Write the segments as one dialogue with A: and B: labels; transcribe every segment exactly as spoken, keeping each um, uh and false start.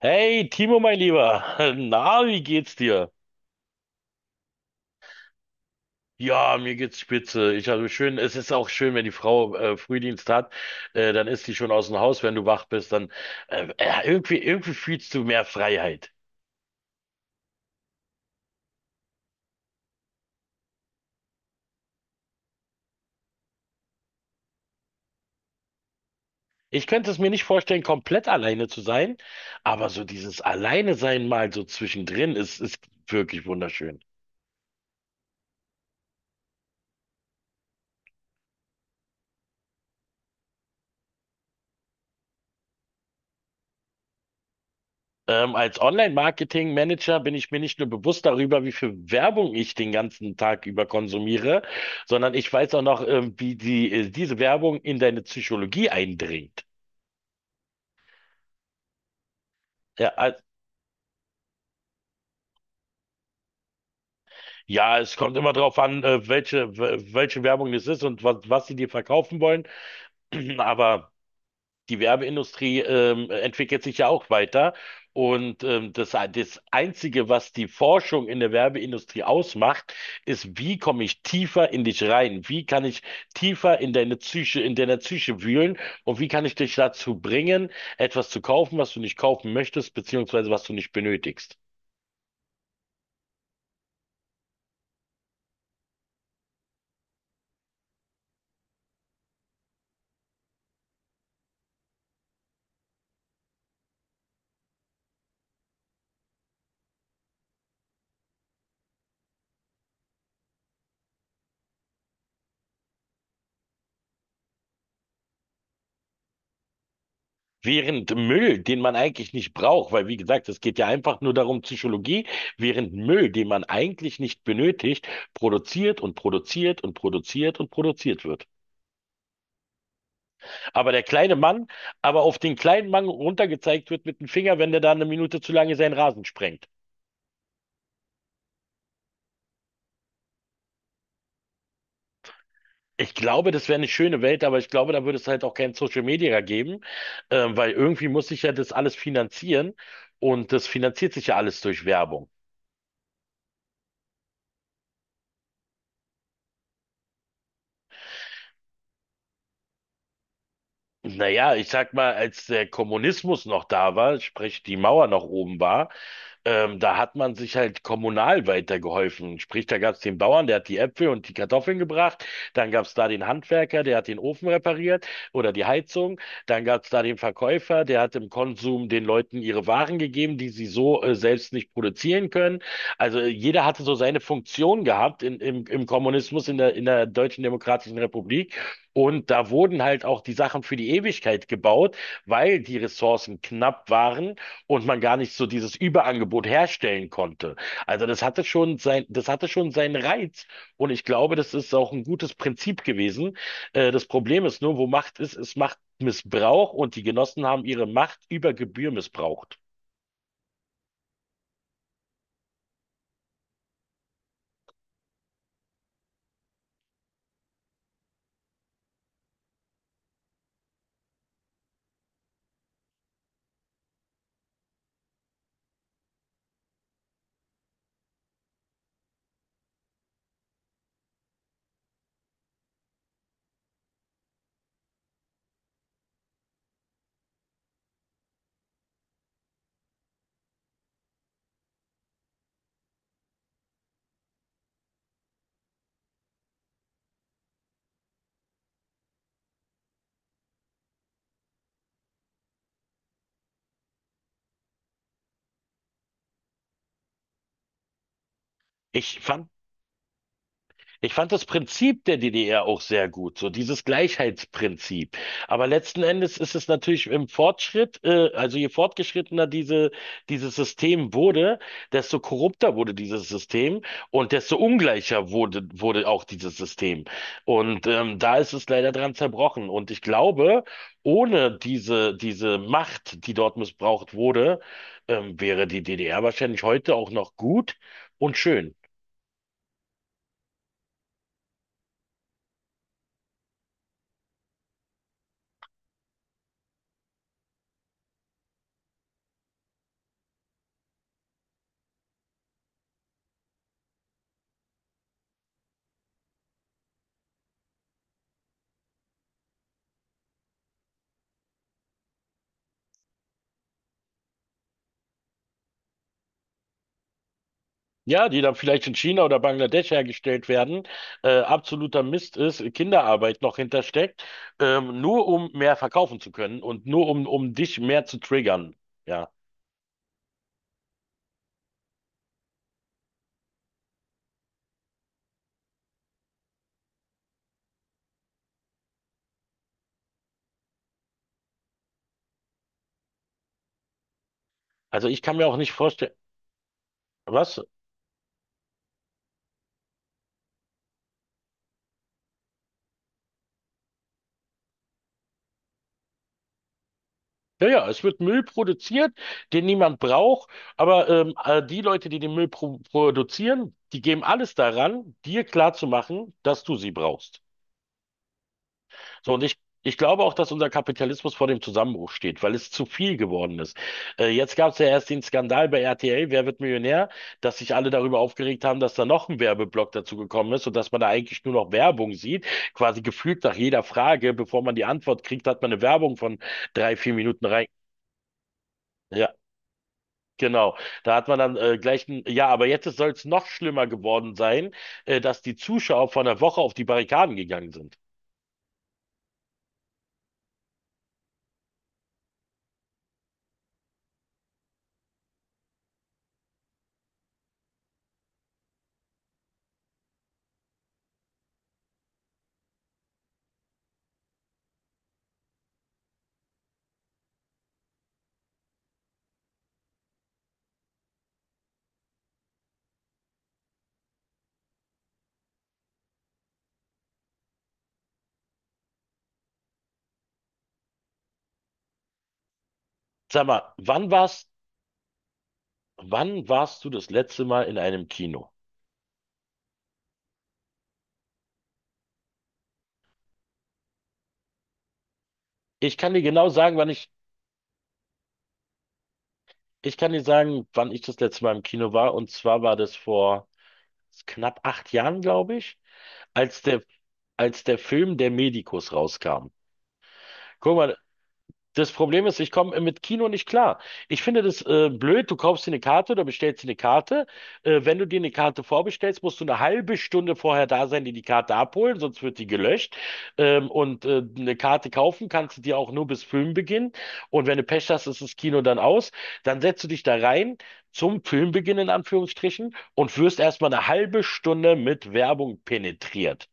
A: Hey, Timo, mein Lieber. Na, wie geht's dir? Ja, mir geht's spitze. Ich habe schön, es ist auch schön, wenn die Frau äh, Frühdienst hat, äh, dann ist sie schon aus dem Haus, wenn du wach bist, dann äh, äh, ja, irgendwie, irgendwie fühlst du mehr Freiheit. Ich könnte es mir nicht vorstellen, komplett alleine zu sein, aber so dieses Alleine sein mal so zwischendrin ist, ist wirklich wunderschön. Ähm, als Online-Marketing-Manager bin ich mir nicht nur bewusst darüber, wie viel Werbung ich den ganzen Tag über konsumiere, sondern ich weiß auch noch, ähm, wie die, äh, diese Werbung in deine Psychologie eindringt. Ja, als- ja, es kommt immer darauf an, äh, welche, w- welche Werbung es ist und was, was sie dir verkaufen wollen. Aber die Werbeindustrie ähm, entwickelt sich ja auch weiter. Und ähm, das, das Einzige, was die Forschung in der Werbeindustrie ausmacht, ist: wie komme ich tiefer in dich rein? Wie kann ich tiefer in deine Psyche, in deiner Psyche wühlen? Und wie kann ich dich dazu bringen, etwas zu kaufen, was du nicht kaufen möchtest, beziehungsweise was du nicht benötigst? Während Müll, den man eigentlich nicht braucht, weil, wie gesagt, es geht ja einfach nur darum, Psychologie, während Müll, den man eigentlich nicht benötigt, produziert und produziert und produziert und produziert wird. Aber der kleine Mann, aber auf den kleinen Mann runtergezeigt wird mit dem Finger, wenn der da eine Minute zu lange seinen Rasen sprengt. Ich glaube, das wäre eine schöne Welt, aber ich glaube, da würde es halt auch kein Social Media geben, äh, weil irgendwie muss sich ja das alles finanzieren und das finanziert sich ja alles durch Werbung. Naja, ich sag mal, als der Kommunismus noch da war, sprich die Mauer noch oben war, ähm, da hat man sich halt kommunal weitergeholfen. Sprich, da gab's den Bauern, der hat die Äpfel und die Kartoffeln gebracht. Dann gab's da den Handwerker, der hat den Ofen repariert oder die Heizung. Dann gab's da den Verkäufer, der hat im Konsum den Leuten ihre Waren gegeben, die sie so äh, selbst nicht produzieren können. Also äh, jeder hatte so seine Funktion gehabt in, im, im Kommunismus, in der, in der Deutschen Demokratischen Republik. Und da wurden halt auch die Sachen für die Ewigkeit gebaut, weil die Ressourcen knapp waren und man gar nicht so dieses Überangebot herstellen konnte. Also das hatte schon sein, das hatte schon seinen Reiz und ich glaube, das ist auch ein gutes Prinzip gewesen. Äh, das Problem ist nur, wo Macht ist, ist Machtmissbrauch, und die Genossen haben ihre Macht über Gebühr missbraucht. Ich fand Ich fand das Prinzip der D D R auch sehr gut, so dieses Gleichheitsprinzip. Aber letzten Endes ist es natürlich im Fortschritt, äh, also je fortgeschrittener diese, dieses System wurde, desto korrupter wurde dieses System und desto ungleicher wurde, wurde auch dieses System. Und ähm, da ist es leider dran zerbrochen. Und ich glaube, ohne diese, diese Macht, die dort missbraucht wurde, ähm, wäre die D D R wahrscheinlich heute auch noch gut und schön. Ja, die dann vielleicht in China oder Bangladesch hergestellt werden, äh, absoluter Mist ist, Kinderarbeit noch hintersteckt, ähm, nur um mehr verkaufen zu können und nur um, um dich mehr zu triggern. Ja, also ich kann mir auch nicht vorstellen, was? Ja, ja, es wird Müll produziert, den niemand braucht, aber ähm, äh, die Leute, die den Müll pro produzieren, die geben alles daran, dir klarzumachen, dass du sie brauchst. So, und ich, ich glaube auch, dass unser Kapitalismus vor dem Zusammenbruch steht, weil es zu viel geworden ist. Äh, jetzt gab es ja erst den Skandal bei R T L, Wer wird Millionär, dass sich alle darüber aufgeregt haben, dass da noch ein Werbeblock dazu gekommen ist und dass man da eigentlich nur noch Werbung sieht. Quasi gefühlt nach jeder Frage, bevor man die Antwort kriegt, hat man eine Werbung von drei, vier Minuten rein. Ja. Genau, da hat man dann äh, gleich ein, ja, aber jetzt soll es noch schlimmer geworden sein, äh, dass die Zuschauer vor einer Woche auf die Barrikaden gegangen sind. Sag mal, wann war's Wann warst du das letzte Mal in einem Kino? Ich kann dir genau sagen, wann ich, ich kann dir sagen, wann ich das letzte Mal im Kino war. Und zwar war das vor knapp acht Jahren, glaube ich, als der, als der Film Der Medikus rauskam. Guck mal, das Problem ist, ich komme mit Kino nicht klar. Ich finde das äh, blöd. Du kaufst dir eine Karte oder bestellst dir eine Karte. Äh, wenn du dir eine Karte vorbestellst, musst du eine halbe Stunde vorher da sein, die die Karte abholen, sonst wird die gelöscht. Ähm, und äh, eine Karte kaufen kannst du dir auch nur bis Filmbeginn. Und wenn du Pech hast, ist das Kino dann aus. Dann setzt du dich da rein zum Filmbeginn in Anführungsstrichen und wirst erstmal eine halbe Stunde mit Werbung penetriert.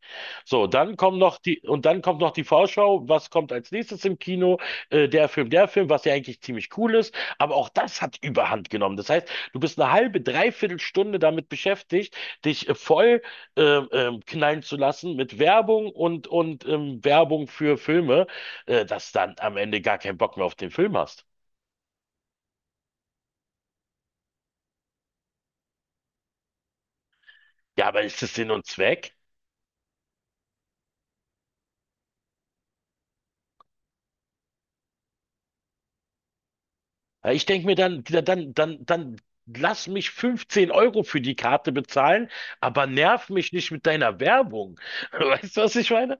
A: So, dann kommen noch die, und dann kommt noch die Vorschau. Was kommt als nächstes im Kino? äh, der Film, der Film, was ja eigentlich ziemlich cool ist, aber auch das hat Überhand genommen. Das heißt, du bist eine halbe, dreiviertel Stunde damit beschäftigt, dich äh, voll ähm, ähm, knallen zu lassen mit Werbung und, und ähm, Werbung für Filme, äh, dass dann am Ende gar keinen Bock mehr auf den Film hast. Ja, aber ist das Sinn und Zweck? Ja, ich denke mir dann, dann, dann, dann lass mich fünfzehn Euro für die Karte bezahlen, aber nerv mich nicht mit deiner Werbung. Weißt du, was ich meine?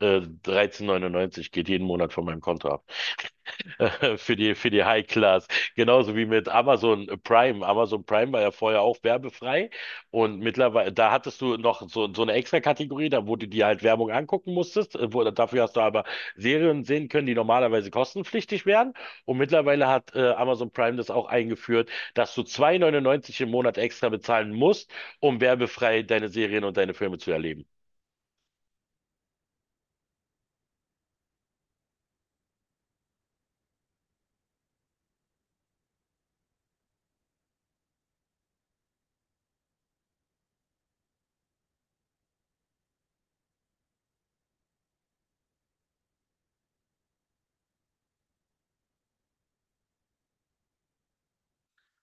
A: Äh, dreizehn Komma neunundneunzig geht jeden Monat von meinem Konto ab. Für die, für die High Class. Genauso wie mit Amazon Prime. Amazon Prime war ja vorher auch werbefrei. Und mittlerweile, da hattest du noch so, so eine extra Kategorie, da wo du dir halt Werbung angucken musstest. Äh, Wo, dafür hast du aber Serien sehen können, die normalerweise kostenpflichtig wären. Und mittlerweile hat äh, Amazon Prime das auch eingeführt, dass du zwei Komma neunundneunzig im Monat extra bezahlen musst, um werbefrei deine Serien und deine Filme zu erleben.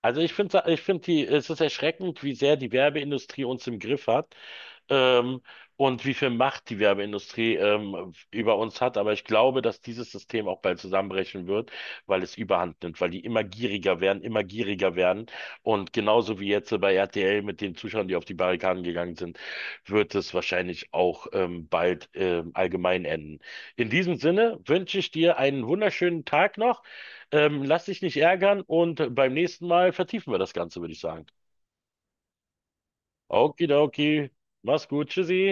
A: Also ich finde, ich finde die, es ist erschreckend, wie sehr die Werbeindustrie uns im Griff hat, ähm, und wie viel Macht die Werbeindustrie ähm, über uns hat. Aber ich glaube, dass dieses System auch bald zusammenbrechen wird, weil es Überhand nimmt, weil die immer gieriger werden, immer gieriger werden. Und genauso wie jetzt bei R T L mit den Zuschauern, die auf die Barrikaden gegangen sind, wird es wahrscheinlich auch, ähm, bald, ähm, allgemein enden. In diesem Sinne wünsche ich dir einen wunderschönen Tag noch. Ähm, lass dich nicht ärgern, und beim nächsten Mal vertiefen wir das Ganze, würde ich sagen. Okidoki, mach's gut, tschüssi.